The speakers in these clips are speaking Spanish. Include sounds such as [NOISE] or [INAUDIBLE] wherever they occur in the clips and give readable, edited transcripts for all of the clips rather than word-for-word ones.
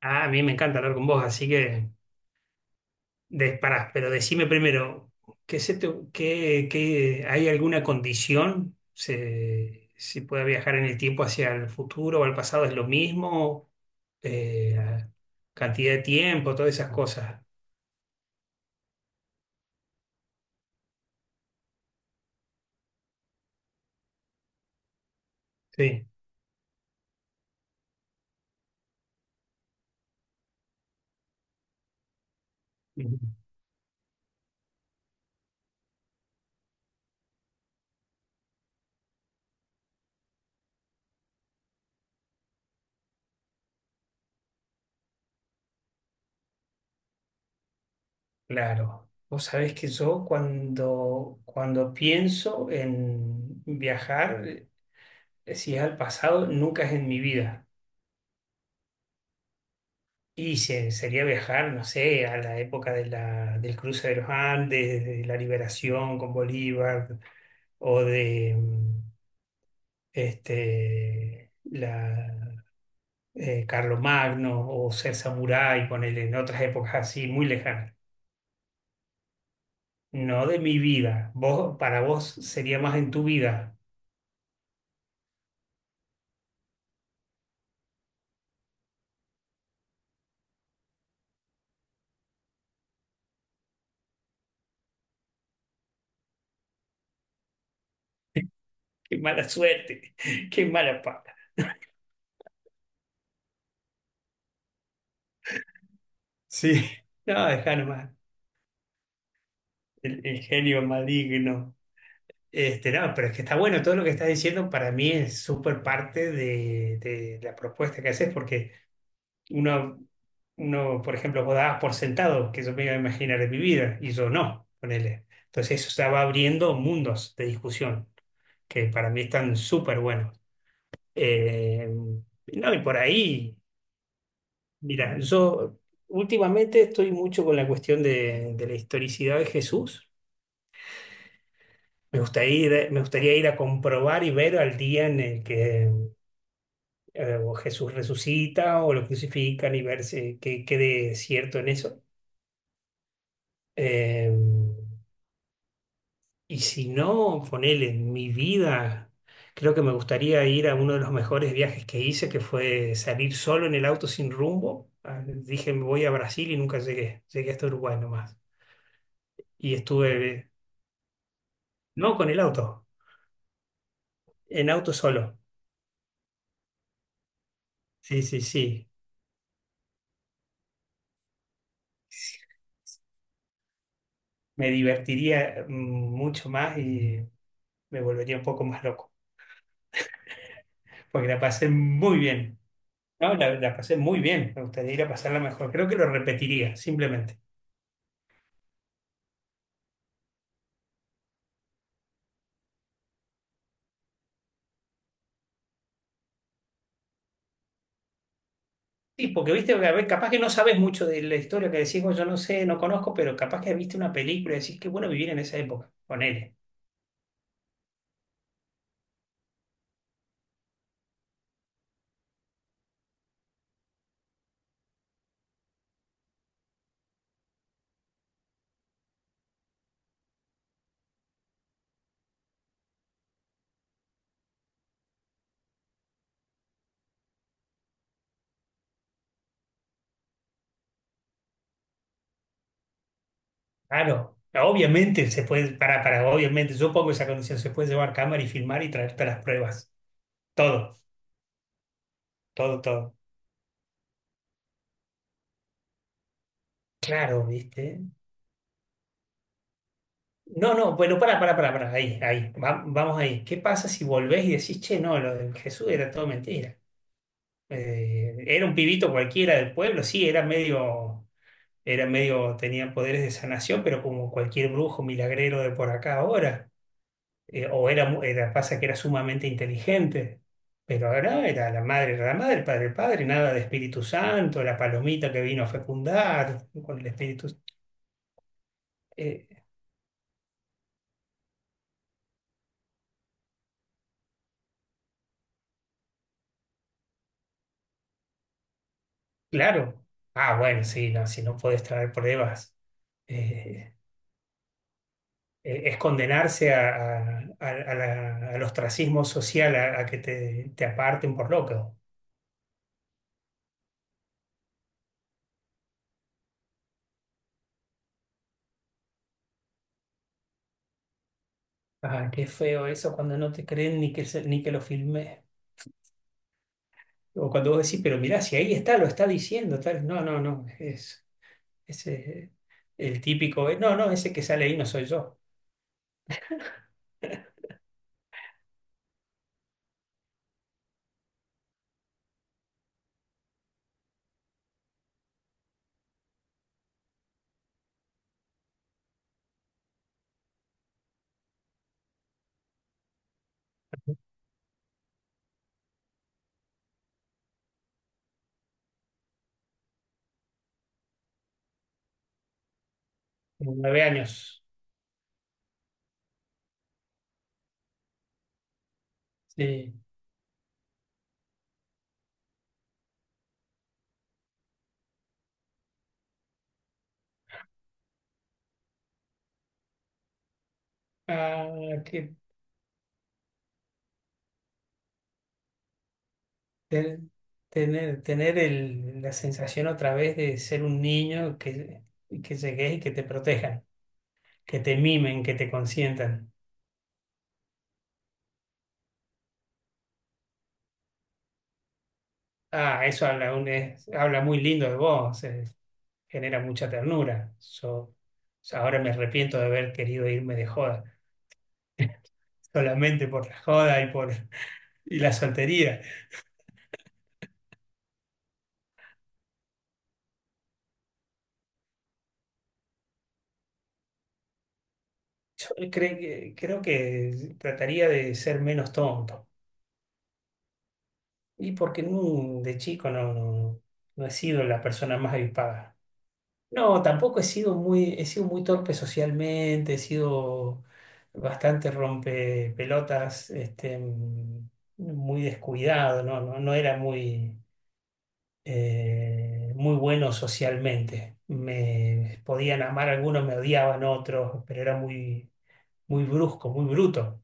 Ah, a mí me encanta hablar con vos, así que disparás, pero decime primero, ¿qué se te- qué- qué- ¿hay alguna condición? ¿¿Si puede viajar en el tiempo hacia el futuro o al pasado? ¿Es lo mismo? Eh, Cantidad de tiempo, todas esas cosas. Sí. Ujú. Claro. Vos sabés que yo cuando pienso en viajar, si es al pasado, nunca es en mi vida. Y sería viajar, no sé, a la época de la, del cruce de los Andes, de la liberación con Bolívar, o de este, la, Carlomagno, o ser samurái, ponerle en otras épocas así, muy lejanas. No de mi vida. Vos, para vos sería más en tu vida. [LAUGHS] Qué mala suerte, [LAUGHS] qué mala pata. Sí, no, dejá nomás. El genio maligno. Este, no, pero es que está bueno todo lo que estás diciendo. Para mí es súper parte de la propuesta que haces, porque uno, por ejemplo, vos dabas por sentado que yo me iba a imaginar en mi vida y yo no, ponele. Entonces eso se va abriendo mundos de discusión que para mí están súper buenos. Eh, no, y por ahí, mira, yo últimamente estoy mucho con la cuestión de la historicidad de Jesús. Me gustaría Me gustaría ir a comprobar y ver al día en el que o Jesús resucita o lo crucifican y ver qué quede cierto en eso. Eh, y si no, ponele, en mi vida, creo que me gustaría ir a uno de los mejores viajes que hice, que fue salir solo en el auto sin rumbo. Ah, dije, me voy a Brasil y nunca llegué. Llegué hasta Uruguay nomás. Y estuve, no con el auto, en auto solo. Sí, sí, sí. Me divertiría mucho más y me volvería un poco más loco, porque la pasé muy bien. No, la pasé muy bien, me gustaría ir a pasarla mejor. Creo que lo repetiría, simplemente. Sí, porque viste, a ver, capaz que no sabes mucho de la historia, que decís, "Oh, yo no sé, no conozco", pero capaz que viste una película y decís, qué bueno vivir en esa época. Ponele. Claro, obviamente se puede, obviamente, yo pongo esa condición, se puede llevar cámara y filmar y traerte las pruebas. Todo, todo, todo. Claro, viste. No, no, bueno, vamos ahí. ¿Qué pasa si volvés y decís, che, no, lo de Jesús era todo mentira? Eh, era un pibito cualquiera del pueblo, sí, era medio, tenía poderes de sanación, pero como cualquier brujo milagrero de por acá ahora, o era, mu- era, pasa que era sumamente inteligente, pero ahora era la madre, el padre, nada de Espíritu Santo, la palomita que vino a fecundar con el Espíritu. eh, claro, ah, bueno, sí, no, si no podés traer pruebas. eh, es condenarse al ostracismo social, a que te aparten por loco. Ah, qué feo eso cuando no te creen ni que, ni que lo filmé. O cuando vos decís, pero mirá, si ahí está, lo está diciendo, tal. No, no, no, es ese el típico, no, no, ese que sale ahí no soy yo. Tengo 9 años. Sí. Ah, que te- tener la sensación otra vez de ser un niño, que llegues y que te protejan. Que te mimen, que te consientan. Ah, eso habla, habla muy lindo de vos, genera mucha ternura. Yo O sea, ahora me arrepiento de haber querido irme de joda, [LAUGHS] solamente por la joda y la soltería. Yo creo que trataría de ser menos tonto. Y porque de chico no he sido la persona más avispada. No, tampoco he sido muy, he sido muy torpe socialmente, he sido bastante rompepelotas, este, muy descuidado, no, no, no era muy, muy bueno socialmente. Me podían amar algunos, me odiaban otros, pero era muy, muy brusco, muy bruto.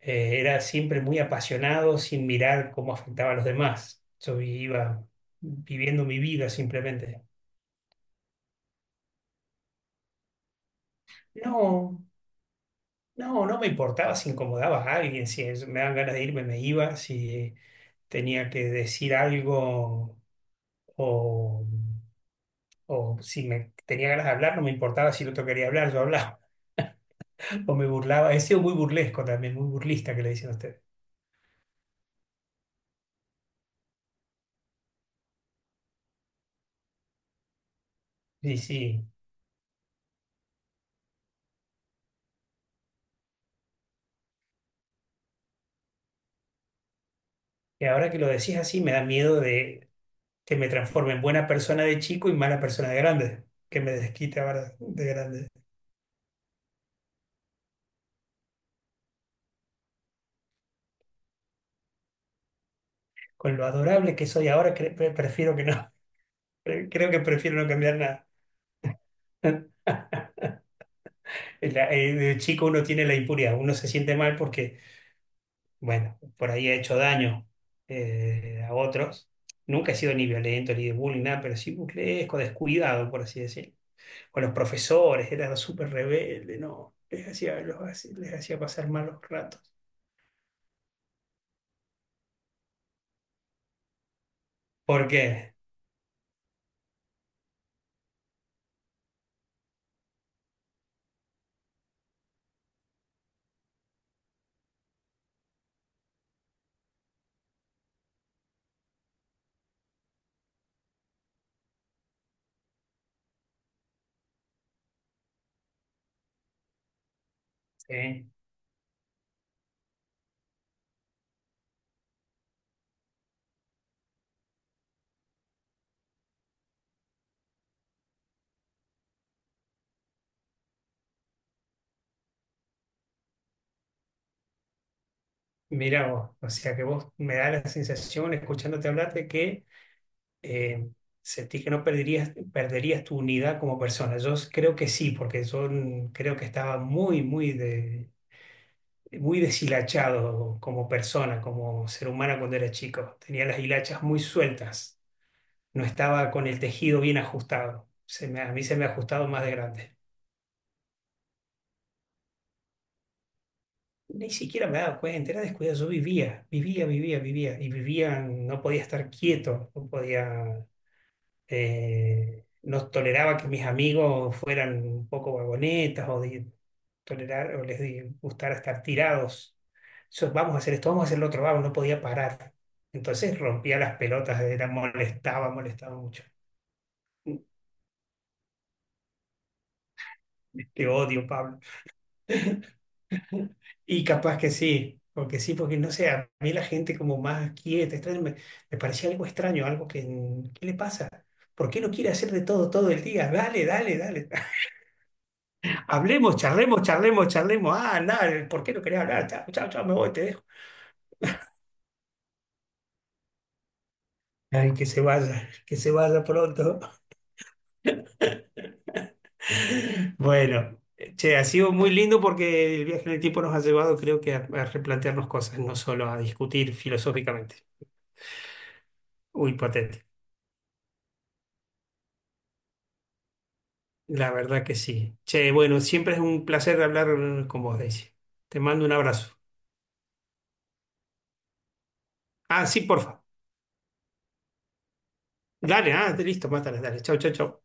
Era siempre muy apasionado sin mirar cómo afectaba a los demás. Yo iba viviendo mi vida simplemente. No, no, no me importaba si incomodaba a alguien, si me daban ganas de irme, me iba, si tenía que decir algo o, o si me tenía ganas de hablar, no me importaba si el otro quería hablar, yo hablaba [LAUGHS] o me burlaba. He sido muy burlesco también, muy burlista, que le dicen a usted. Sí, sí. Y ahora que lo decís así, me da miedo de que me transforme en buena persona de chico y mala persona de grande, que me desquite ahora de grande. Con lo adorable que soy ahora, prefiero que no. [LAUGHS] Creo que prefiero no cambiar nada. [LAUGHS] De chico uno tiene la impuridad, uno se siente mal porque, bueno, por ahí ha hecho daño a otros. Nunca he sido ni violento ni de bullying, nada, pero sí burlesco, descuidado, por así decirlo. Con los profesores, era súper rebelde, no, les hacía pasar malos ratos. ¿Por qué? Sí. Mira vos, o sea que vos me da la sensación, escuchándote hablar, de que eh, ¿sentís que no perderías, perderías tu unidad como persona? Yo creo que sí, porque yo creo que estaba muy, muy, muy deshilachado como persona, como ser humano cuando era chico. Tenía las hilachas muy sueltas, no estaba con el tejido bien ajustado. A mí se me ha ajustado más de grande. Ni siquiera me daba cuenta, era descuidado. Yo vivía, vivía, vivía, vivía. Y vivía, no podía estar quieto, no podía. No toleraba que mis amigos fueran un poco vagonetas o de tolerar o les gustara estar tirados. So, vamos a hacer esto, vamos a hacer lo otro, vamos, no podía parar. Entonces rompía las pelotas, era molestaba, molestaba mucho. Te odio, Pablo. [LAUGHS] Y capaz que sí, porque no sé, a mí la gente como más quieta, extraña, me me parecía algo extraño, algo que, ¿qué le pasa? ¿Por qué no quiere hacer de todo todo el día? Dale, dale, dale. Hablemos, charlemos, charlemos, charlemos. Ah, nada, ¿por qué no quería hablar? Chao, chao, chao, me voy, te dejo. Ay, que se vaya pronto. [LAUGHS] Bueno, che, ha sido muy lindo, porque el viaje en el tiempo nos ha llevado, creo que, a replantearnos cosas, no solo a discutir filosóficamente o hipotético. La verdad que sí. Che, bueno, siempre es un placer hablar con vos, Daisy. Te mando un abrazo. Ah, sí, porfa. Dale, ah, listo, mátala, dale. Chau, chau, chau.